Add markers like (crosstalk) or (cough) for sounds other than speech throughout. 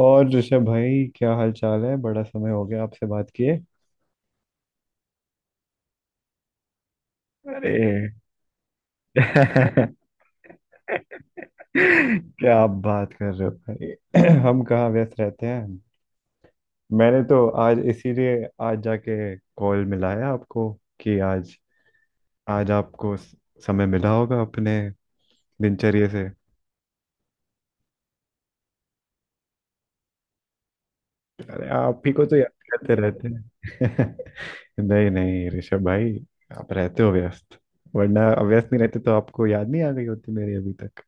और ऋषभ भाई, क्या हाल चाल है, बड़ा समय हो गया आपसे बात किए। अरे! (laughs) क्या आप बात कर रहे हो भाई? (clears throat) हम कहाँ व्यस्त रहते हैं? मैंने तो आज इसीलिए, आज जाके कॉल मिलाया आपको कि आज आज आपको समय मिला होगा अपने दिनचर्या से। अरे आप ही को तो याद करते रहते हैं। (laughs) नहीं नहीं ऋषभ भाई, आप रहते हो व्यस्त, वरना व्यस्त नहीं रहते तो आपको याद नहीं आ गई होती मेरी अभी तक।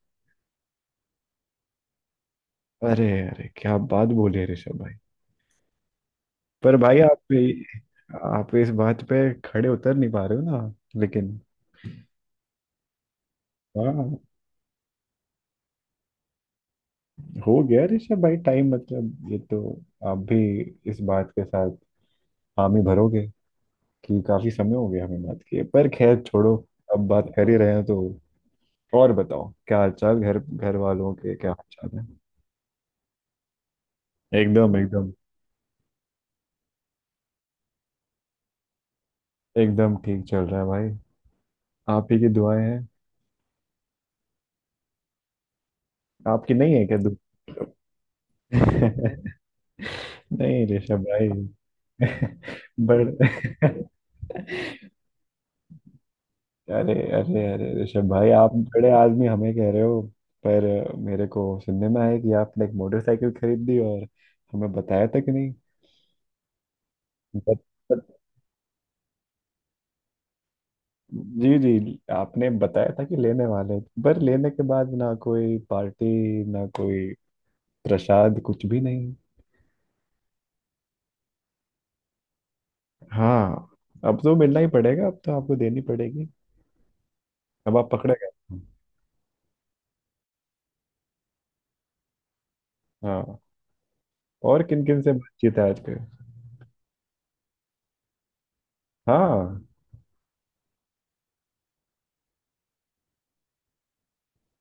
अरे अरे, क्या बात बोले ऋषभ भाई! पर भाई आप इस बात पे खड़े उतर नहीं पा रहे हो ना, लेकिन। हाँ, हो गया ऋषभ भाई टाइम, मतलब ये तो आप भी इस बात के साथ हामी भरोगे कि काफी समय हो गया हमें बात किए, पर खैर छोड़ो। अब बात कर ही रहे हैं तो और बताओ, क्या हाल चाल, घर, घर वालों के क्या हाल चाल है? एकदम, एकदम। एकदम ठीक चल रहा है भाई, आप ही की दुआएं हैं। आपकी नहीं है क्या दुआ? (laughs) नहीं ऋषभ भाई। (laughs) बड़े! अरे अरे अरे ऋषभ भाई, आप बड़े आदमी हमें कह रहे हो? पर मेरे को सुनने में आया कि आपने एक मोटरसाइकिल खरीद ली और हमें बताया था कि नहीं। बत, बत, जी जी, आपने बताया था कि लेने वाले, पर लेने के बाद ना कोई पार्टी, ना कोई प्रसाद, कुछ भी नहीं। हाँ, अब तो मिलना ही पड़ेगा, अब तो आपको देनी पड़ेगी, अब आप पकड़े गए। हाँ, और किन किन से बातचीत है आजकल? हाँ।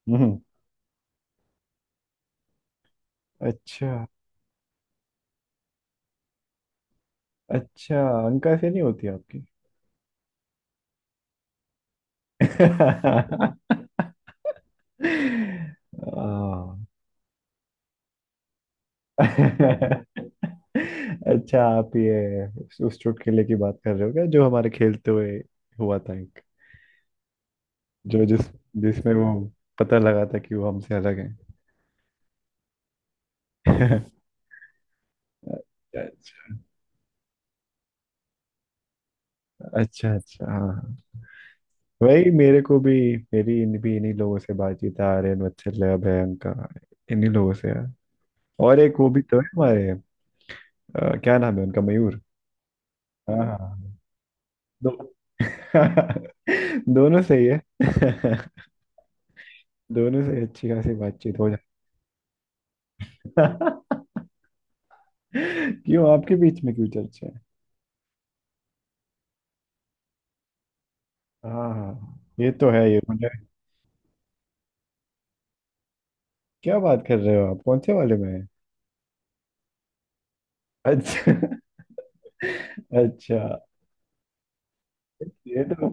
हम्म। अच्छा। अच्छा, अंकाक्षरी नहीं होती आपकी? (laughs) आ, (laughs) अच्छा, आप ये उस चुटकुले की बात कर रहे हो क्या, जो हमारे खेलते हुए हुआ था एक, जो जिस जिसमें वो पता लगा था कि वो हमसे अलग है। (laughs) अच्छा अच्छा, अच्छा, हाँ हाँ। वही मेरे को भी, मेरी इन भी इन्हीं लोगों से बातचीत है, आर्यन, वत्सल, अभय, अंका, इन्हीं लोगों से है। और एक वो भी तो है हमारे, क्या नाम है उनका, मयूर। हाँ हाँ। दो (laughs) दोनों सही है। (laughs) दोनों से अच्छी खासी बातचीत हो जाती। (laughs) क्यों, आपके बीच में क्यों चर्चा है? हाँ हाँ, ये तो है। ये मुझे। क्या बात कर रहे हो आप, कौन से वाले में है? अच्छा। (laughs) अच्छा, ये तो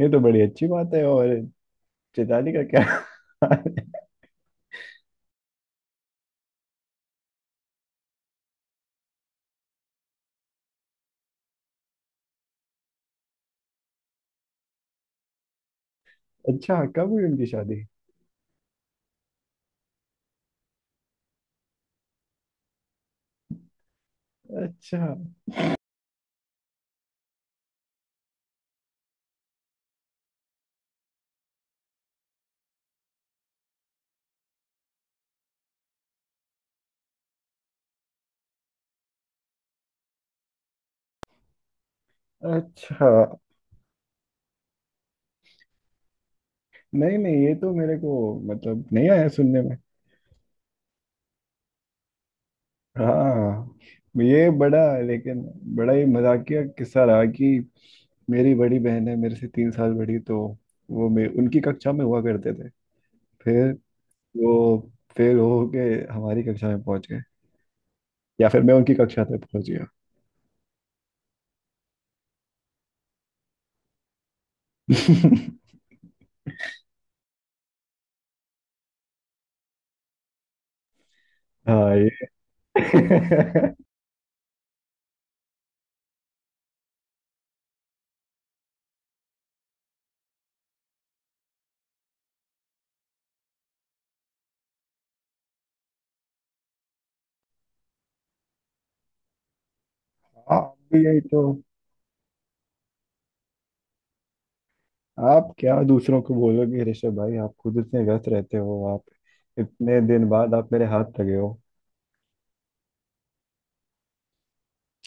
ये तो बड़ी अच्छी बात है। और चेताली का क्या? (laughs) अच्छा, कब हुई उनकी शादी? अच्छा अच्छा, नहीं नहीं, ये तो मेरे को मतलब नहीं आया सुनने में। हाँ, ये बड़ा, लेकिन बड़ा ही मजाकिया किस्सा रहा कि मेरी बड़ी बहन है, मेरे से 3 साल बड़ी, तो वो मे उनकी कक्षा में हुआ करते थे, फिर वो फेल हो के हमारी कक्षा में पहुंच गए, या फिर मैं उनकी कक्षा तक पहुंच गया। (laughs) हाँ ये। (laughs) आप भी यही तो, आप क्या दूसरों को बोलोगे ऋषभ भाई, आप खुद इतने व्यस्त रहते हो, आप इतने दिन बाद आप मेरे हाथ लगे हो।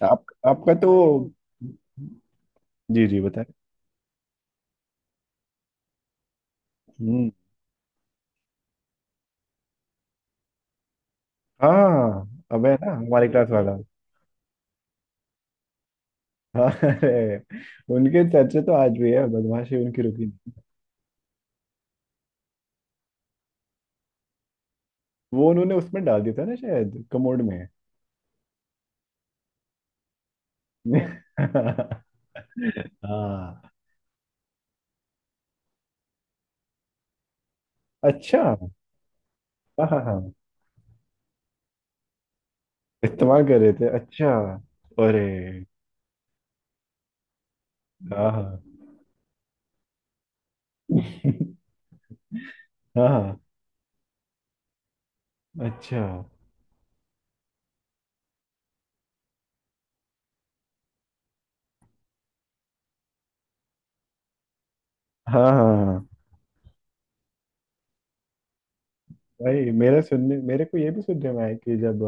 आप आपका तो। जी जी, बताएं। हम्म। हाँ, अबे ना, हमारी क्लास वाला। हाँ अरे, उनके चर्चे तो आज भी है, बदमाशी उनकी रुकी नहीं। वो उन्होंने उसमें डाल दिया था ना, शायद कमोड में। हाँ। (laughs) अच्छा, हाँ हाँ हाँ, इस्तेमाल कर रहे थे, अच्छा। अरे हाँ हाँ। (laughs) हाँ हाँ, अच्छा, हाँ हाँ हाँ। भाई, मेरा सुनने मेरे को ये भी सुनने में आया कि जब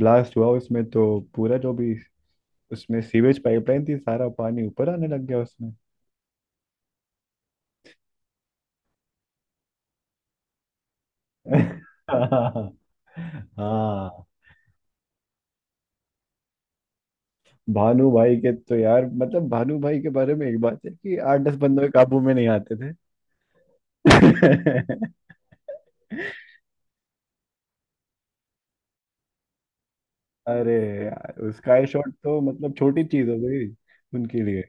ब्लास्ट हुआ उसमें तो पूरा जो भी उसमें सीवेज पाइपलाइन थी, सारा पानी ऊपर आने लग गया उसमें। (laughs) हाँ हाँ। भानु भाई के बारे में एक बात है कि आठ दस बंदों के काबू में नहीं आते थे। (laughs) अरे यार, उसका ये शॉट तो मतलब छोटी चीज हो गई उनके लिए।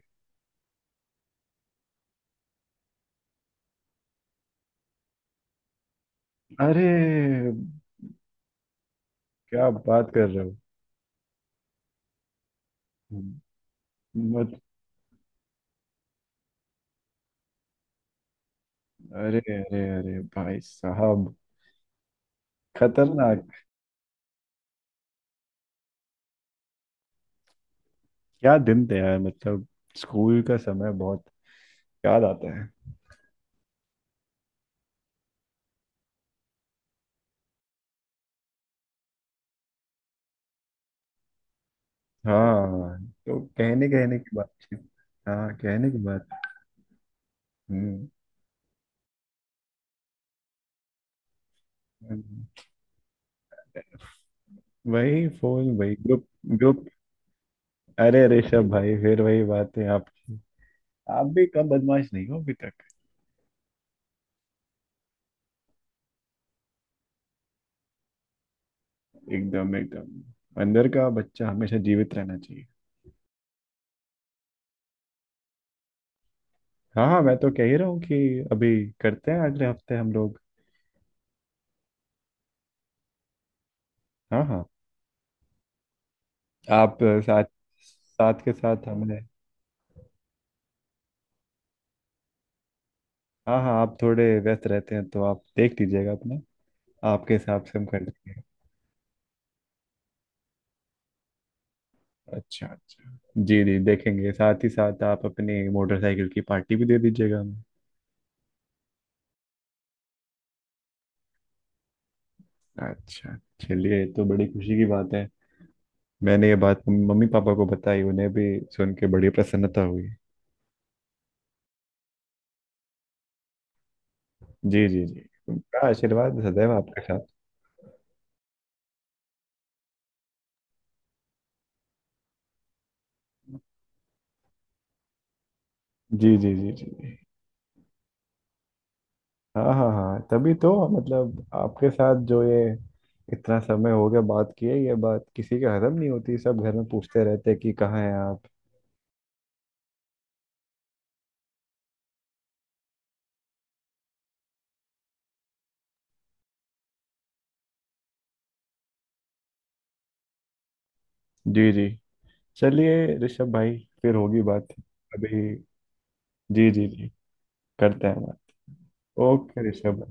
अरे, क्या बात कर रहे हो! मत अरे अरे अरे भाई साहब, खतरनाक! क्या दिन थे यार, मतलब स्कूल का समय बहुत याद आता है। हाँ, तो कहने कहने की बात थी। हाँ, कहने की बात। हम्म। हम्म। वही फोन, वही ग्रुप ग्रुप। अरे ऋषभ भाई, फिर वही बात है आपकी, आप भी कम बदमाश नहीं हो अभी तक। एकदम एकदम, अंदर का बच्चा हमेशा जीवित रहना चाहिए। हाँ हाँ, मैं तो कह ही रहा हूँ कि अभी करते हैं अगले हफ्ते हम लोग। हाँ हाँ। आप, साथ साथ के साथ हमें। हाँ हाँ, आप थोड़े व्यस्त रहते हैं तो आप देख लीजिएगा अपना, आपके हिसाब से हम कर लेंगे। अच्छा अच्छा। जी जी, देखेंगे, साथ ही साथ आप अपनी मोटरसाइकिल की पार्टी भी दे दीजिएगा हमें। अच्छा, चलिए, ये तो बड़ी खुशी की बात है, मैंने ये बात मम्मी पापा को बताई, उन्हें भी सुन के बड़ी प्रसन्नता हुई। जी जी जी। उनका आशीर्वाद सदैव आपके साथ। जी जी जी जी जी। हाँ हाँ हाँ, तभी तो, मतलब आपके साथ जो ये इतना समय हो गया बात किए, ये बात किसी के हजम नहीं होती, सब घर में पूछते रहते हैं कि कहाँ हैं आप। जी जी, चलिए ऋषभ भाई, फिर होगी बात। अभी। जी जी जी, करते हैं बात। ओके ऋषभ।